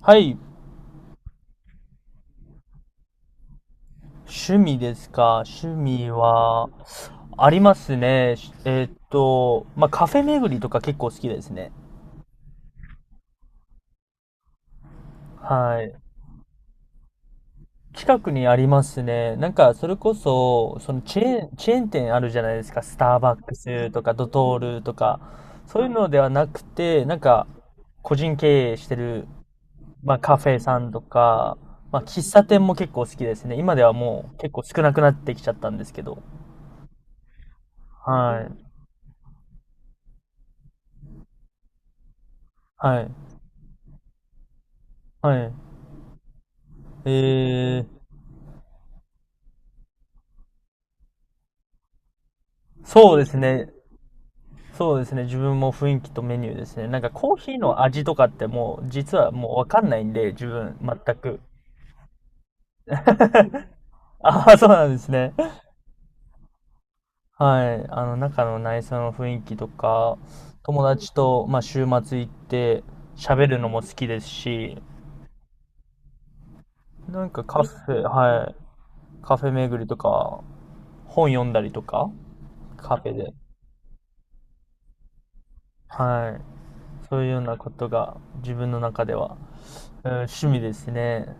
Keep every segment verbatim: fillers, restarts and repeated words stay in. はい。趣味ですか。趣味は、ありますね。えーっと、まあ、カフェ巡りとか結構好きですね。はい。近くにありますね。なんか、それこそ、そのチェーン、チェーン店あるじゃないですか。スターバックスとか、ドトールとか、そういうのではなくて、なんか、個人経営してる、まあ、カフェさんとか、まあ、喫茶店も結構好きですね。今ではもう結構少なくなってきちゃったんですけど。はい。はい。はい。えー、そうですね。そうですね。自分も雰囲気とメニューですね。なんかコーヒーの味とかってもう実はもうわかんないんで、自分全く。ああ、そうなんですね。はい。あの中の内装の雰囲気とか、友達と、まあ、週末行って喋るのも好きですし、なんかカフェ、はい。カフェ巡りとか、本読んだりとか、カフェで。はい。そういうようなことが自分の中では、うん、趣味ですね。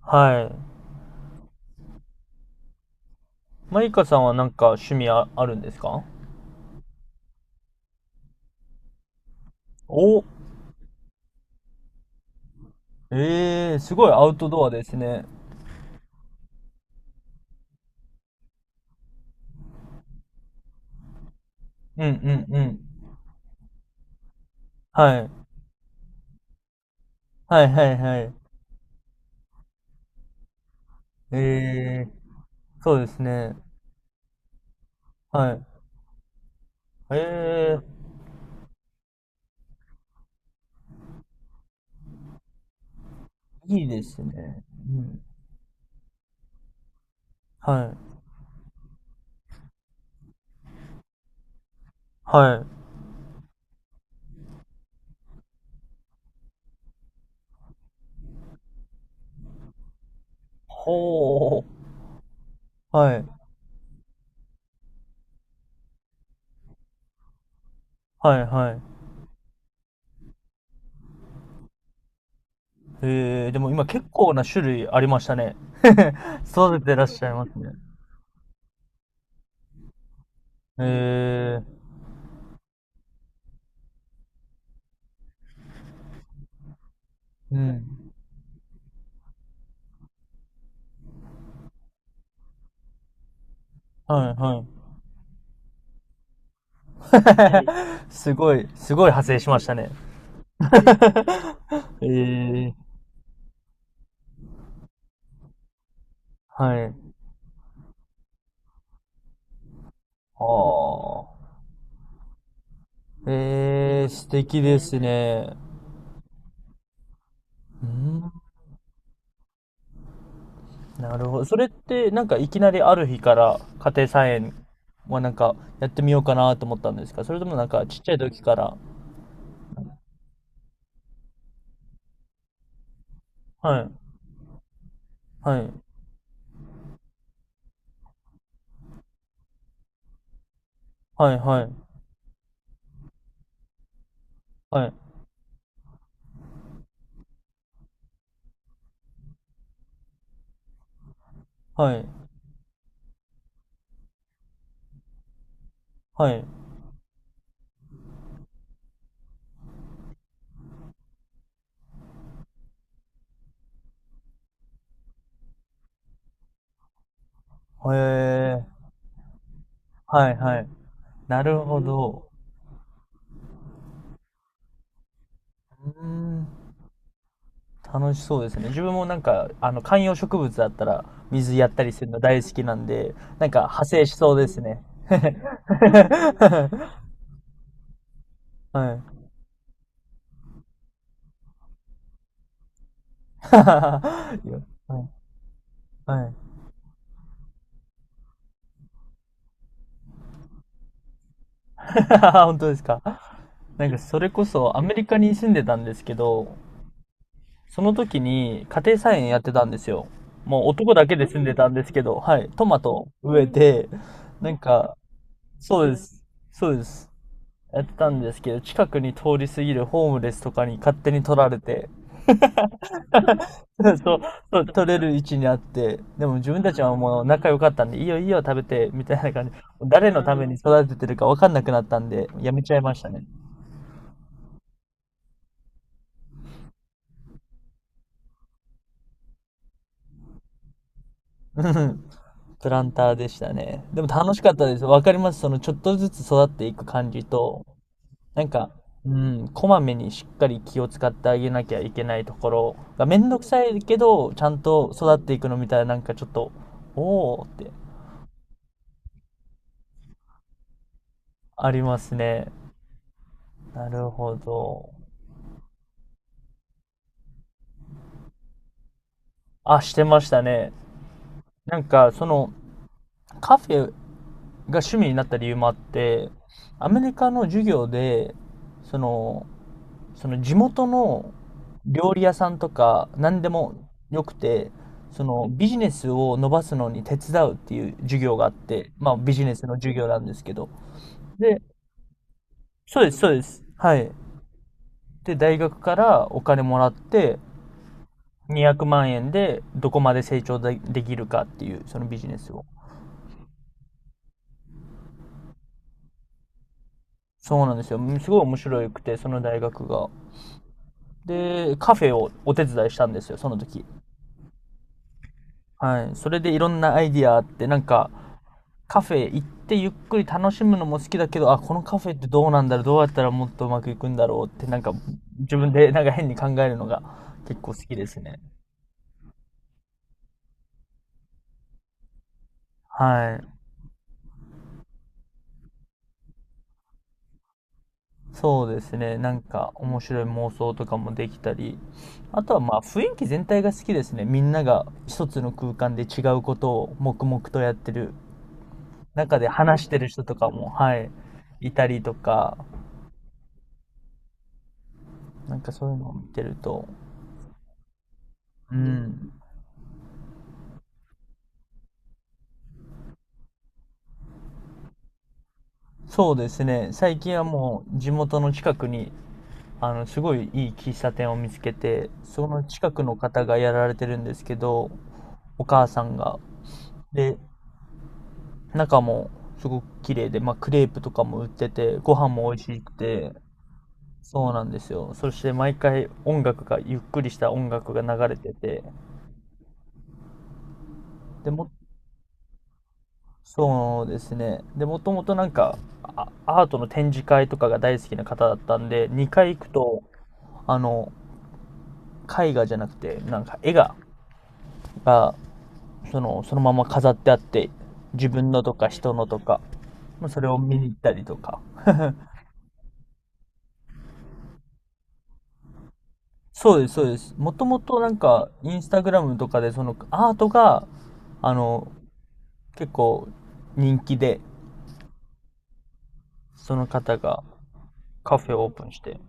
はい。マイカさんはなんか趣味あ、あるんですか？お、ええー、すごいアウトドアですね。うんうんうん。はい。はいはいはい。ええー、そうですね。はい。ええー、いいですね。うん。はい。はい。ほう。はい。はいはい。ええ、でも今結構な種類ありましたね。育ててらっしゃいますね。ええ、うん。はいはい。すごい、すごい派生しましたね。ええ、はい。ああ。ええ、素敵ですね。うん、なるほど。それって、なんかいきなりある日から家庭菜園はなんかやってみようかなと思ったんですか？それともなんかちっちゃい時から？はい、はい、はい、はい、はい、はい、はい。へえ、はい、はい。なるほど。うん、楽しそうですね。自分もなんか、あの、観葉植物だったら、水やったりするの大好きなんで、なんか派生しそうですね。はい。いや、はい。はい。本当ですか？なんか、それこそアメリカに住んでたんですけど、その時に家庭菜園やってたんですよ。もう男だけで住んでたんですけど、はい。トマト植えて、なんか、そうです。そうです。やってたんですけど、近くに通り過ぎるホームレスとかに勝手に取られて、そう、そう取れる位置にあって、でも自分たちはもう仲良かったんで、いいよいいよ食べて、みたいな感じ。誰のために育ててるか分かんなくなったんで、やめちゃいましたね。うん、プランターでしたね。でも楽しかったです。わかります。そのちょっとずつ育っていく感じと、なんか、うん、こまめにしっかり気を使ってあげなきゃいけないところがめんどくさいけど、ちゃんと育っていくのみたいな、なんかちょっと、おーって、ありますね。なるほど。あ、してましたね。なんか、その、カフェが趣味になった理由もあって、アメリカの授業で、その、その地元の料理屋さんとか、何でもよくて、そのビジネスを伸ばすのに手伝うっていう授業があって、まあビジネスの授業なんですけど。で、そうです、そうです。はい。で、大学からお金もらって、にひゃくまん円でどこまで成長でできるかっていう、そのビジネスを。そうなんですよ。すごい面白くて、その大学が。で、カフェをお手伝いしたんですよ、その時。はい。それでいろんなアイディアあって、なんか、カフェ行ってゆっくり楽しむのも好きだけど、あ、このカフェってどうなんだろう、どうやったらもっとうまくいくんだろうって、なんか、自分でなんか変に考えるのが結構好きですね。はい。そうですね。なんか面白い妄想とかもできたり、あとはまあ雰囲気全体が好きですね。みんなが一つの空間で違うことを黙々とやってる中で話してる人とかも、はい、いたりとか、なんかそういうのを見てると、うん、そうですね。最近はもう地元の近くに、あの、すごいいい喫茶店を見つけて、その近くの方がやられてるんですけど、お母さんが。で、中もすごく綺麗で、まあ、クレープとかも売ってて、ご飯も美味しくて、そうなんですよ。そして毎回音楽が、ゆっくりした音楽が流れてて、でも、そうですね。で、もともとなんか、あアートの展示会とかが大好きな方だったんで、にかい行くと、あの、絵画じゃなくて、なんか絵が、がその、そのまま飾ってあって、自分のとか人のとか、まあそれを見に行ったりとか、そうです、そうです。もともとなんか、インスタグラムとかで、そのアートが、あの、結構人気で、その方がカフェをオープンして。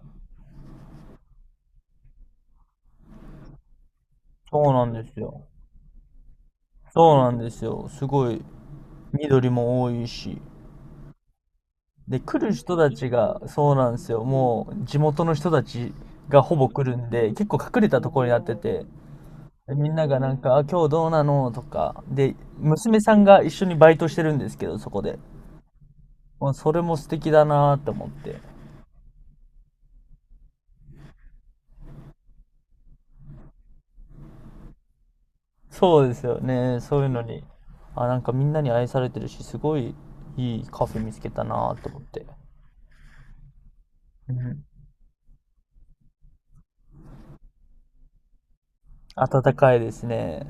そうなんですよ。そうなんですよ。すごい、緑も多いし。で、来る人たちが、そうなんですよ。もう、地元の人たちがほぼ来るんで、結構隠れたところになってて、でみんながなんか、あ、今日どうなの、とか、で、娘さんが一緒にバイトしてるんですけど、そこで。まあ、それも素敵だなーって思って。そうですよね。そういうのに。あ、なんかみんなに愛されてるし、すごいいいカフェ見つけたなと思って。うん。暖かいですね。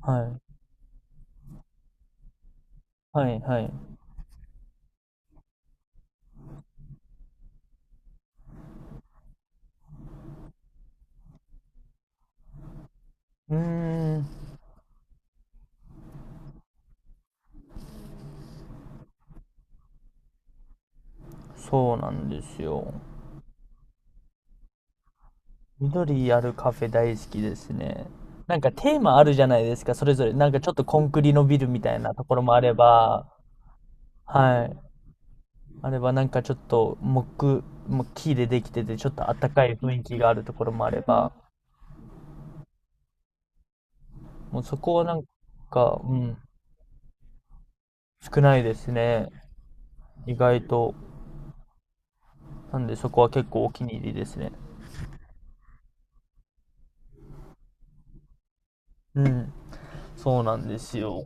はい。はいはい。うーん、そうなんですよ。緑あるカフェ大好きですね。なんかテーマあるじゃないですか、それぞれ。なんかちょっとコンクリのビルみたいなところもあれば、はい。あればなんかちょっと木、もう木でできてて、ちょっと暖かい雰囲気があるところもあれば、もうそこをなんか、うん、少ないですね。意外と。なんでそこは結構お気に入りですね。うん。そうなんですよ。